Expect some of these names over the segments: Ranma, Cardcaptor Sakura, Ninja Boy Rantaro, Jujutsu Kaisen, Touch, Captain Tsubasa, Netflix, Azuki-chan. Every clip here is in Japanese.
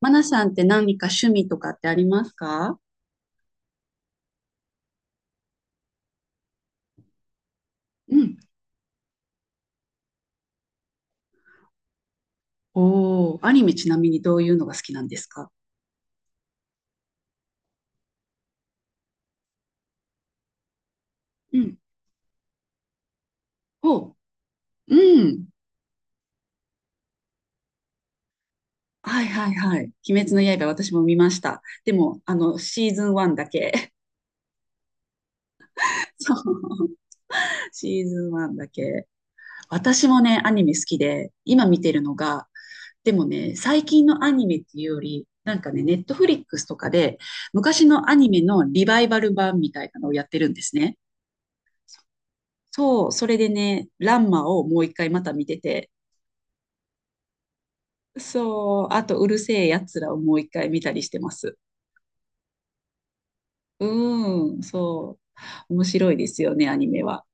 マナさんって何か趣味とかってありますか？うん、おー、アニメちなみにどういうのが好きなんですか？うん、おう、うん。はいはいはい。鬼滅の刃私も見ました。でも、シーズン1だけ。そう。シーズン1だけ。私もね、アニメ好きで、今見てるのが、でもね、最近のアニメっていうより、なんかね、ネットフリックスとかで、昔のアニメのリバイバル版みたいなのをやってるんですね。そう、それでね、ランマをもう一回また見てて、そう、あとうるせえやつらをもう一回見たりしてます。うん、そう。面白いですよね、アニメは。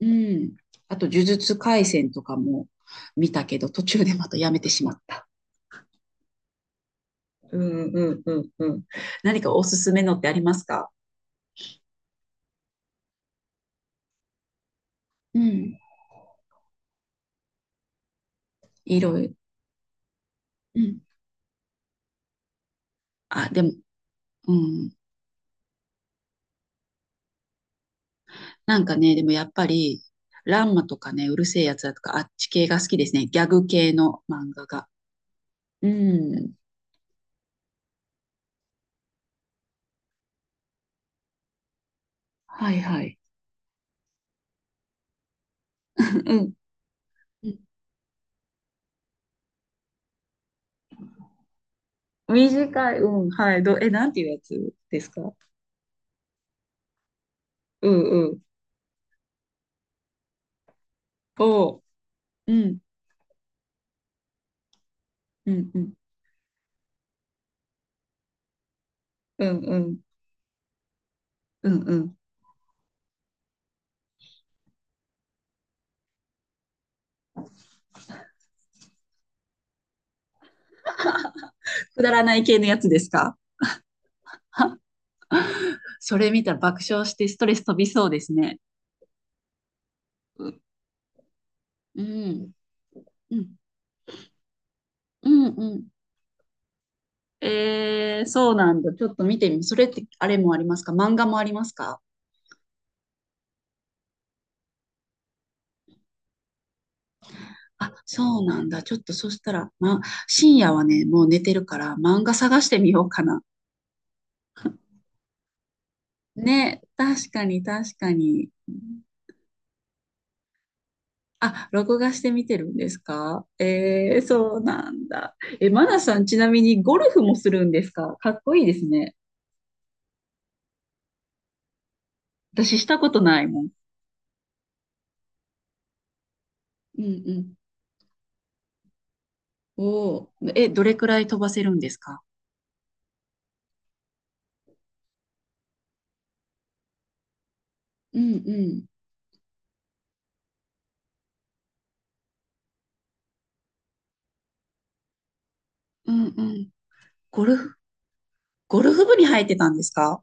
うん。あと、呪術廻戦とかも見たけど、途中でまたやめてしまった。うんうんうんうん。何かおすすめのってありますか？うん。いろいろ。うん。あ、でも、うん。なんかね、でもやっぱり、ランマとかね、うるせえやつらとか、あっち系が好きですね。ギャグ系の漫画が。うん。はいはい。うん。短い、うん、はい。なんていうやつですか？うんうん。おう。うん、うん、うん、うん、うん、うん、うん。くだらない系のやつですか？は それ見たら爆笑してストレス飛びそうですね。うん、うん、うん、うんうん。えー、そうなんだ。ちょっと見てみ。それってあれもありますか？漫画もありますか？あ、そうなんだ。ちょっとそしたら、ま、深夜はね、もう寝てるから漫画探してみようかな。ね、確かに確かに。あ、録画して見てるんですか？えー、そうなんだ。え、マナさん、ちなみにゴルフもするんですか？かっこいいですね。私したことないもん。うんうん。おお。え、どれくらい飛ばせるんですか？うんうん。うんうん。ゴルフ、ゴルフ部に入ってたんですか？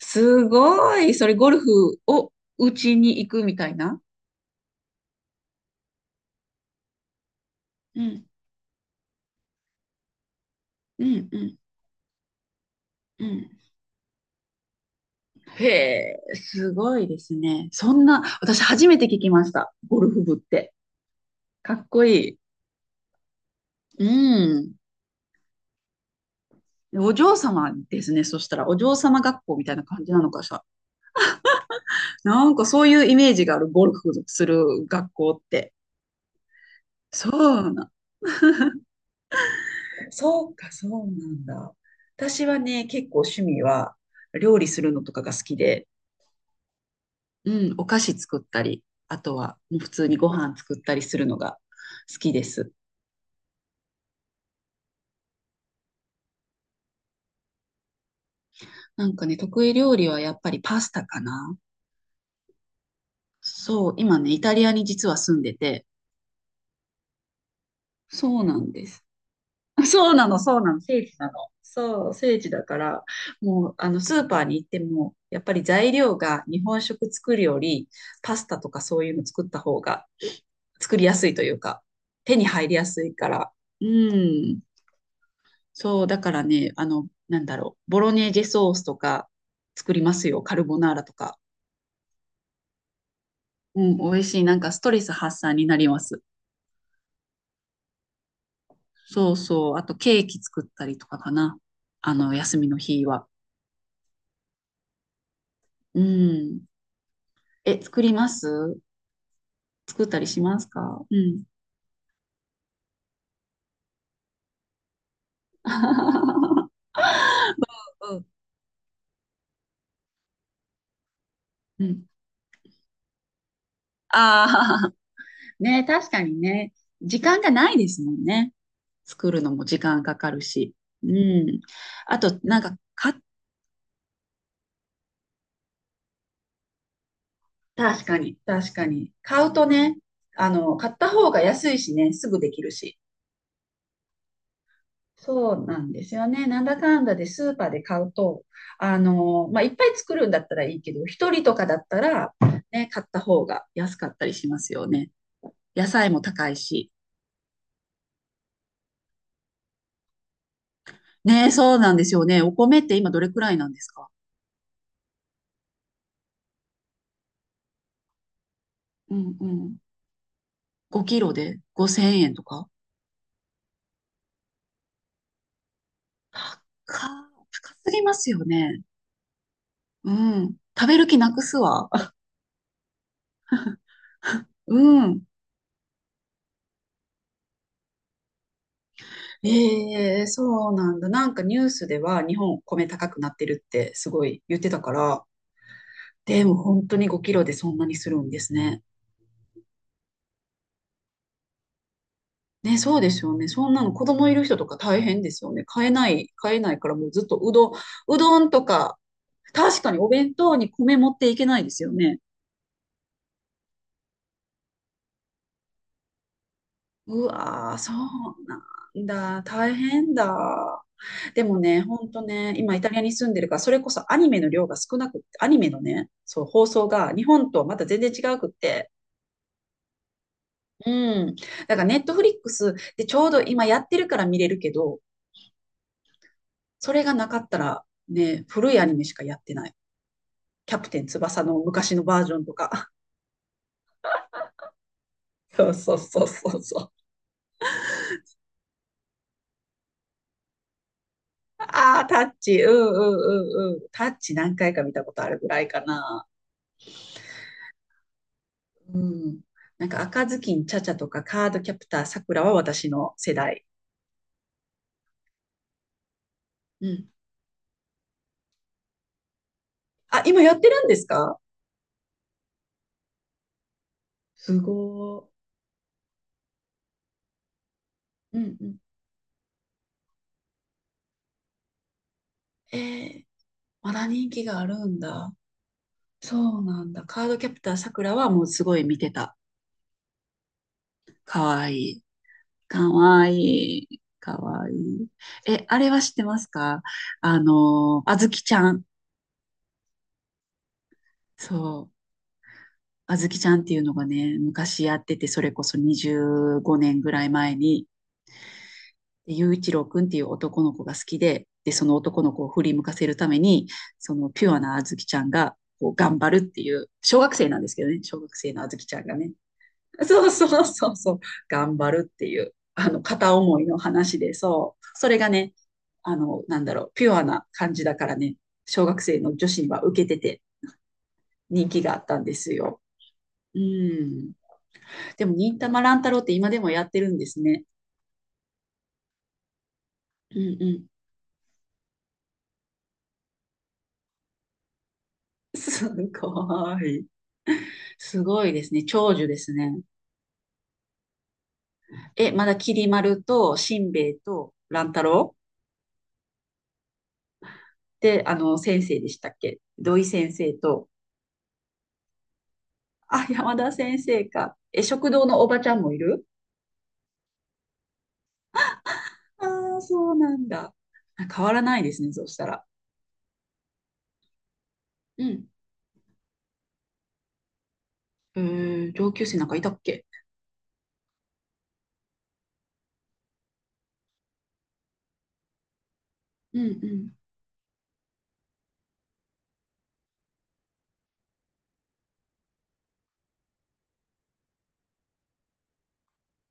すごい。それゴルフを打ちに行くみたいな。うんうんうんうん。へえ、すごいですね。そんな、私初めて聞きました。ゴルフ部って。かっこいい。うん。お嬢様ですね。そしたら、お嬢様学校みたいな感じなのかしら。なんかそういうイメージがある、ゴルフする学校って。そうな、そうか、そうなんだ。私はね、結構趣味は料理するのとかが好きで、うん、お菓子作ったり、あとはもう普通にご飯作ったりするのが好きです。なんかね、得意料理はやっぱりパスタかな。そう、今ね、イタリアに実は住んでて、そうなんです。そうなの、そうなの、聖地なの。そう、聖地だから、もう、スーパーに行っても、やっぱり材料が日本食作るより、パスタとかそういうの作った方が、作りやすいというか、手に入りやすいから。うん。そう、だからね、なんだろう、ボロネーゼソースとか作りますよ、カルボナーラとか。うん、美味しい。なんかストレス発散になります。そうそう。あとケーキ作ったりとかかな。休みの日は。うん。え、作ったりしますか？うん。うん。うん。ああ、ね、確かにね。時間がないですもんね。作るのも時間かかるし。うん。あと、なんか、か、確かに、確かに。買うとね、買った方が安いしね、すぐできるし。そうなんですよね。なんだかんだでスーパーで買うと、まあ、いっぱい作るんだったらいいけど、一人とかだったら、ね、買った方が安かったりしますよね。野菜も高いし。ね、そうなんですよね。お米って今どれくらいなんですか？うんうん。5キロで5000円とか？高すぎますよね。うん。食べる気なくすわ。うん。ええそうなんだ。なんかニュースでは日本米高くなってるってすごい言ってたから、でも本当に5キロでそんなにするんですね。ね、そうですよね。そんなの子供いる人とか大変ですよね。買えない、買えないからもうずっとうどん、うどんとか、確かにお弁当に米持っていけないですよね。うわー、そうなんだ。大変だ。でもね、ほんとね、今イタリアに住んでるから、それこそアニメの量が少なくって、アニメのね、そう、放送が日本とはまた全然違うくって、うん。だからネットフリックスでちょうど今やってるから見れるけど、それがなかったら、ね、古いアニメしかやってない。キャプテン翼の昔のバージョンとか。そうそうそうそうそう。ああ、タッチ、うんうんうんうん。タッチ何回か見たことあるぐらいかな。うん。なんか赤ずきんちゃちゃとかカードキャプターさくらは私の世代。うん。あ、今やってるんですか？すごー。うんうん。えー、まだ人気があるんだ。そうなんだ。カードキャプターさくらはもうすごい見てた。かわいい。かわいい。かわいい。え、あれは知ってますか？あずきちゃん。そう。あずきちゃんっていうのがね、昔やってて、それこそ25年ぐらい前に、でゆういち一郎くんっていう男の子が好きで、で、その男の子を振り向かせるために、そのピュアなあずきちゃんが、こう頑張るっていう、小学生なんですけどね、小学生のあずきちゃんがね、そうそうそうそう、頑張るっていう、片思いの話で、そう、それがね、なんだろう、ピュアな感じだからね、小学生の女子には受けてて人気があったんですよ。うん。でも、忍たま乱太郎って今でもやってるんですね。うんうん。すごい。すごいですね。長寿ですね。え、まだきり丸としんべヱと乱太郎って、先生でしたっけ？土井先生と、あ、山田先生か。え、食堂のおばちゃんもいる？ああ、そうなんだ。あ、変わらないですね、そうしたら。うん。えー、上級生なんかいたっけ？うんうん。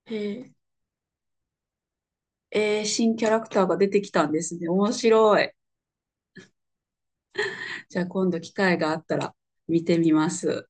へえ。えー、新キャラクターが出てきたんですね。面白い。じゃあ今度機会があったら見てみます。